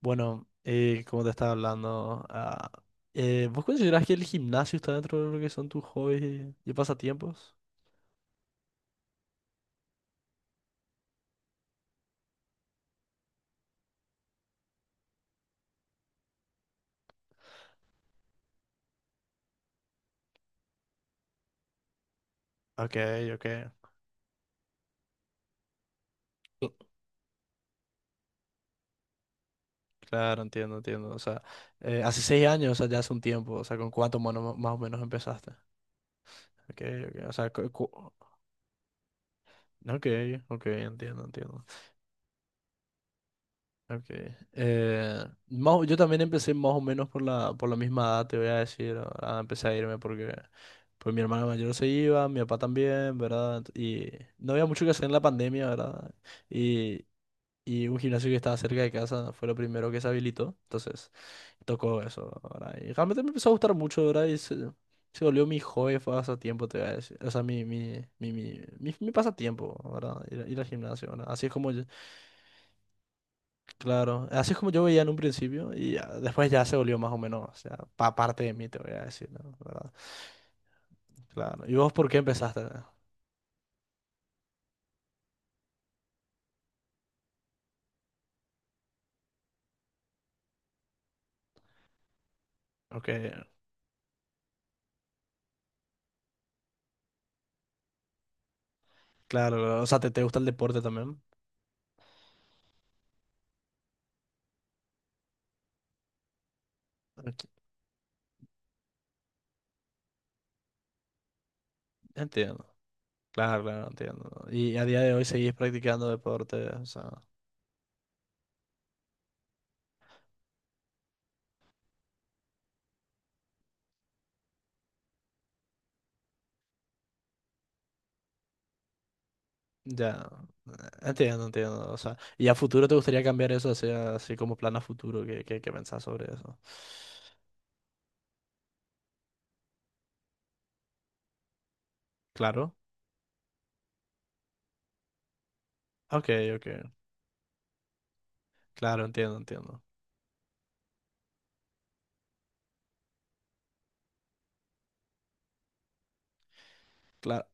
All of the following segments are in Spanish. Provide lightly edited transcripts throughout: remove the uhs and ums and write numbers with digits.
Bueno, como te estaba hablando, ¿vos considerás que el gimnasio está dentro de lo que son tus hobbies y pasatiempos? Ok, ok. Cl- Claro, entiendo, entiendo. O sea, hace 6 años, o sea, ya hace un tiempo, o sea, ¿con cuánto mono más o menos empezaste? Ok, ok. O sea, ok, ok, entiendo, entiendo. Okay. Yo también empecé más o menos por la misma edad, te voy a decir. Empecé a irme porque, pues, mi hermana mayor se iba, mi papá también, ¿verdad? Y no había mucho que hacer en la pandemia, ¿verdad? Y, y un gimnasio que estaba cerca de casa fue lo primero que se habilitó. Entonces, tocó eso, ¿verdad? Y realmente me empezó a gustar mucho, ¿verdad? Y se volvió mi hobby, fue pasatiempo, te voy a decir. O sea, mi pasatiempo, ¿verdad? Ir, ir al gimnasio, ¿verdad? Así es como yo. Claro, así es como yo veía en un principio y ya, después ya se volvió más o menos, o sea, pa parte de mí, te voy a decir, ¿no? ¿Verdad? Claro. ¿Y vos por qué empezaste? Ok. Claro, claro. O sea, ¿te gusta el deporte también? Ok. Entiendo, claro, claro, entiendo. Y a día de hoy seguís practicando deporte, o sea, ya, entiendo, entiendo. O sea, ¿y a futuro te gustaría cambiar eso, así, así como plan a futuro? ¿Qué pensás sobre eso? Claro, ok, ok, claro, entiendo, entiendo. Claro,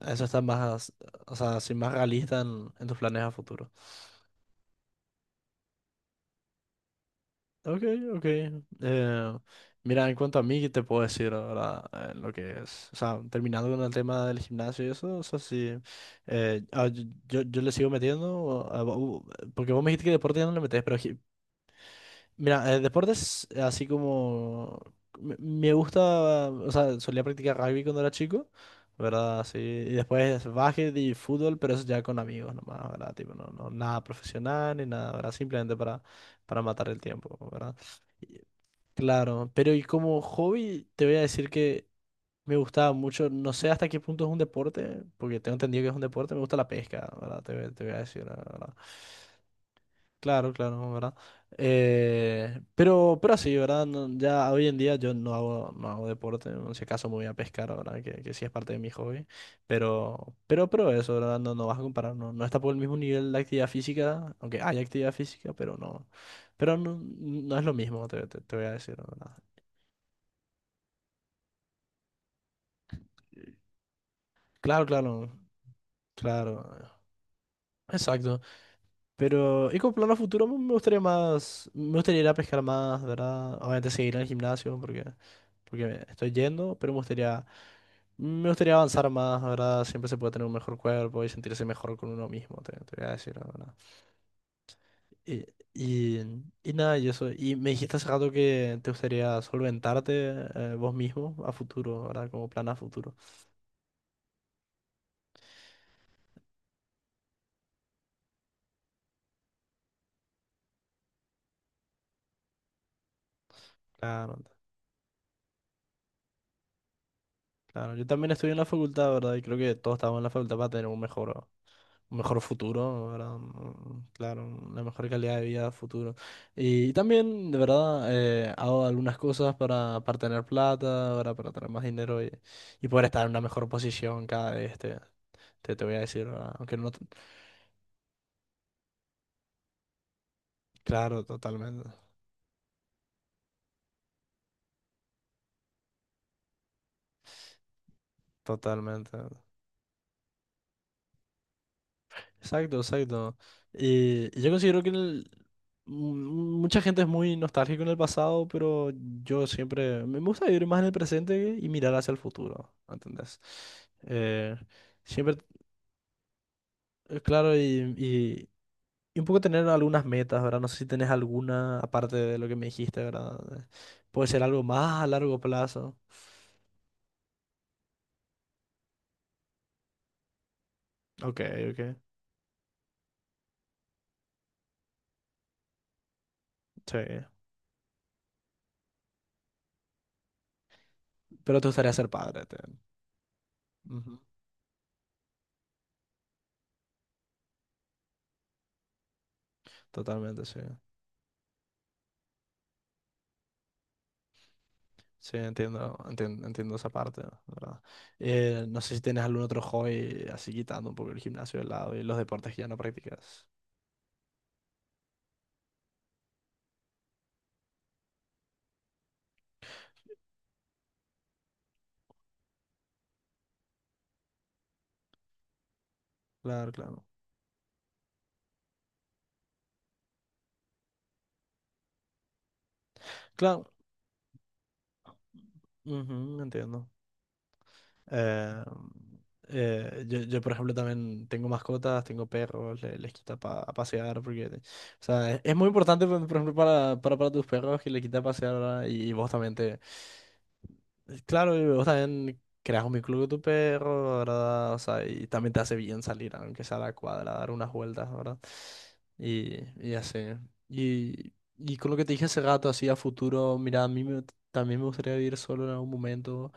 eso está más, o sea, así más realista en tus planes a futuro. Ok, ok. Eh, Mira, en cuanto a mí, ¿qué te puedo decir ahora, lo que es? O sea, terminando con el tema del gimnasio y eso, o sea, sí. eh, ah, yo, yo le sigo metiendo, porque vos me dijiste que deporte ya no le metes, pero mira, deportes, así como. Me gusta, o sea, solía practicar rugby cuando era chico, ¿verdad? Sí, y después básquet y fútbol, pero eso ya con amigos nomás, ¿verdad? Tipo, no, no, nada profesional ni nada, ¿verdad? Simplemente para matar el tiempo, ¿verdad? Claro, pero y como hobby te voy a decir que me gustaba mucho, no sé hasta qué punto es un deporte, porque tengo entendido que es un deporte, me gusta la pesca, ¿verdad? Te voy a decir, la ¿verdad? Claro, claro, ¿verdad? Pero así, ¿verdad? Ya hoy en día yo no hago deporte, en ese caso me voy a pescar, ¿verdad? Que sí es parte de mi hobby, pero eso, ¿verdad? No vas a comparar, no está por el mismo nivel de actividad física, aunque hay actividad física, pero no, no, es lo mismo, te voy a decir, ¿verdad? Claro, claro. Claro, exacto. Pero, y con plan a futuro me gustaría más, me gustaría ir a pescar más, ¿verdad? Obviamente seguir en el gimnasio porque estoy yendo, pero me gustaría avanzar más, ¿verdad? Siempre se puede tener un mejor cuerpo y sentirse mejor con uno mismo, te voy a decir, la ¿verdad? Y, y, y nada, y eso. Y me dijiste hace rato que te gustaría solventarte, vos mismo a futuro, ¿verdad? Como plan a futuro. Claro, claro. Yo también estoy en la facultad, ¿verdad? Y creo que todos estamos en la facultad para tener un mejor futuro, ¿verdad? Claro, una mejor calidad de vida futuro. Y, también, de verdad, hago algunas cosas para tener plata, ¿verdad? Para tener más dinero y poder estar en una mejor posición cada vez, te voy a decir, ¿verdad? Aunque no. Claro, totalmente, totalmente. Exacto, exacto. Y yo considero que mucha gente es muy nostálgica en el pasado, pero yo siempre me gusta vivir más en el presente y mirar hacia el futuro, ¿entendés? Eh, Siempre, claro, y- y un poco tener algunas metas, ¿verdad? No sé si tenés alguna, aparte de lo que me dijiste, ¿verdad? Puede ser algo más a largo plazo. Ok, ok, sí. Pero te gustaría ser padre, Ujú. Totalmente, sí. Sí, entiendo, entiendo, entiendo esa parte, la ¿verdad? No sé si tienes algún otro hobby así quitando un poco el gimnasio de lado y los deportes que ya no practicas. Claro, claro. Claro, ujú, entiendo. Eh, yo, por ejemplo, también tengo mascotas, tengo perros, les quita a pasear porque, o sea, es muy importante, por ejemplo, para tus perros que les quita a pasear, ¿verdad? Y vos también te. Claro, y vos también creas un vínculo con tu perro, ¿verdad? O sea, y también te hace bien salir, aunque sea a la cuadra, dar unas vueltas, ¿verdad? Y, y así. Y, y con lo que te dije hace rato, así a futuro, mira, a mí también me gustaría vivir solo en algún momento.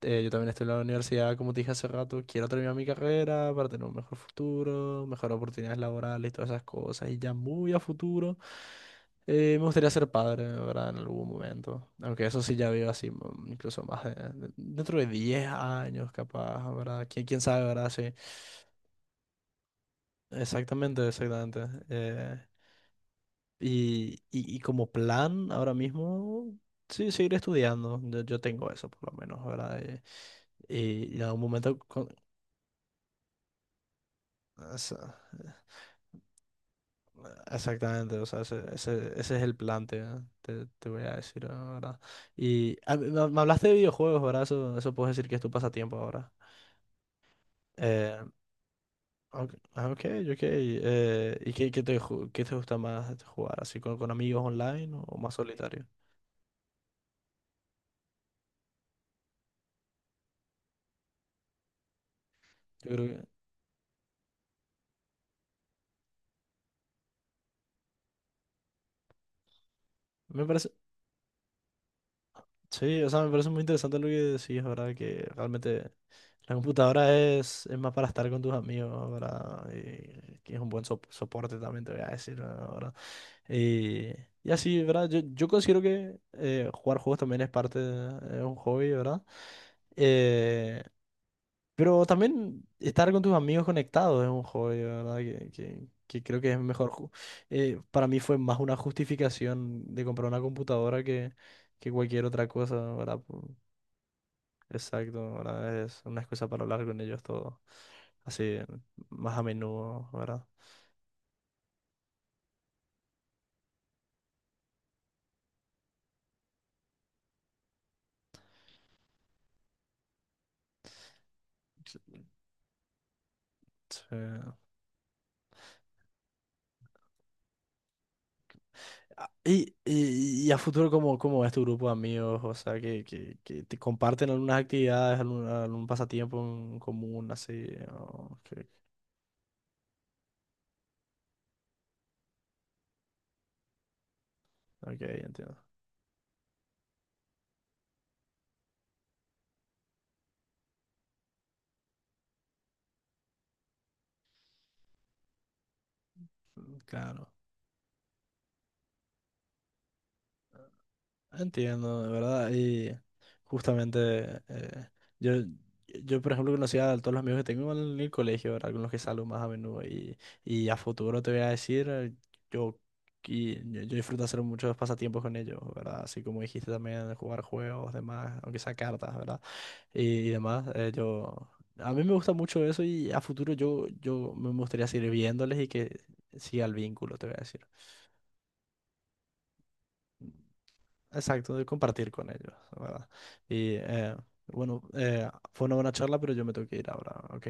Yo también estoy en la universidad, como te dije hace rato, quiero terminar mi carrera para tener un mejor futuro, mejor oportunidades laborales, todas esas cosas, y ya muy a futuro, me gustaría ser padre, ¿verdad? En algún momento, aunque eso sí ya veo así, incluso más dentro de 10 años capaz, ¿verdad? ¿Quién quién sabe? ¿Verdad? Sí, exactamente, exactamente. Y como plan, ahora mismo, sí, seguir estudiando, yo tengo eso por lo menos, ¿verdad? Y en algún momento Esa- exactamente, o sea, ese es el plan, te voy a decir ahora. Y me hablaste de videojuegos, ¿verdad? Eso puedes decir que es tu pasatiempo ahora. Eh, ok, ok. Ok, ¿y qué te gusta más jugar? ¿Así con amigos online o más solitario? Yo creo que. Me parece. Sí, o sea, me parece muy interesante lo que decís, ¿verdad? Que realmente la computadora es más para estar con tus amigos, ¿verdad? Y que es un buen soporte también, te voy a decir, ¿verdad? Y así, ¿verdad? Yo considero que jugar juegos también es es un hobby, ¿verdad? Eh, pero también estar con tus amigos conectados es un hobby, ¿verdad? Que creo que es mejor. Para mí fue más una justificación de comprar una computadora que cualquier otra cosa, ¿verdad? Exacto, ¿verdad? Es una excusa para hablar con ellos todo así más a menudo, ¿verdad? Sí. Sí. Ah, y a futuro, ¿cómo es tu grupo de amigos? O sea, que te comparten algunas actividades, algún pasatiempo en común, así. o que- ok, entiendo. Claro, entiendo, de verdad. Y justamente, yo, yo, por ejemplo, conocí a todos los amigos que tengo en el colegio, ¿verdad? Con los que salgo más a menudo. Y a futuro te voy a decir, yo, yo disfruto hacer muchos pasatiempos con ellos, ¿verdad? Así como dijiste también, jugar juegos, demás, aunque sea cartas, ¿verdad? y, y demás. A mí me gusta mucho eso y a futuro yo me gustaría seguir viéndoles y que siga el vínculo, te voy a decir. Exacto, de compartir con ellos, ¿verdad? Y bueno, fue una buena charla, pero yo me tengo que ir ahora, ¿ok?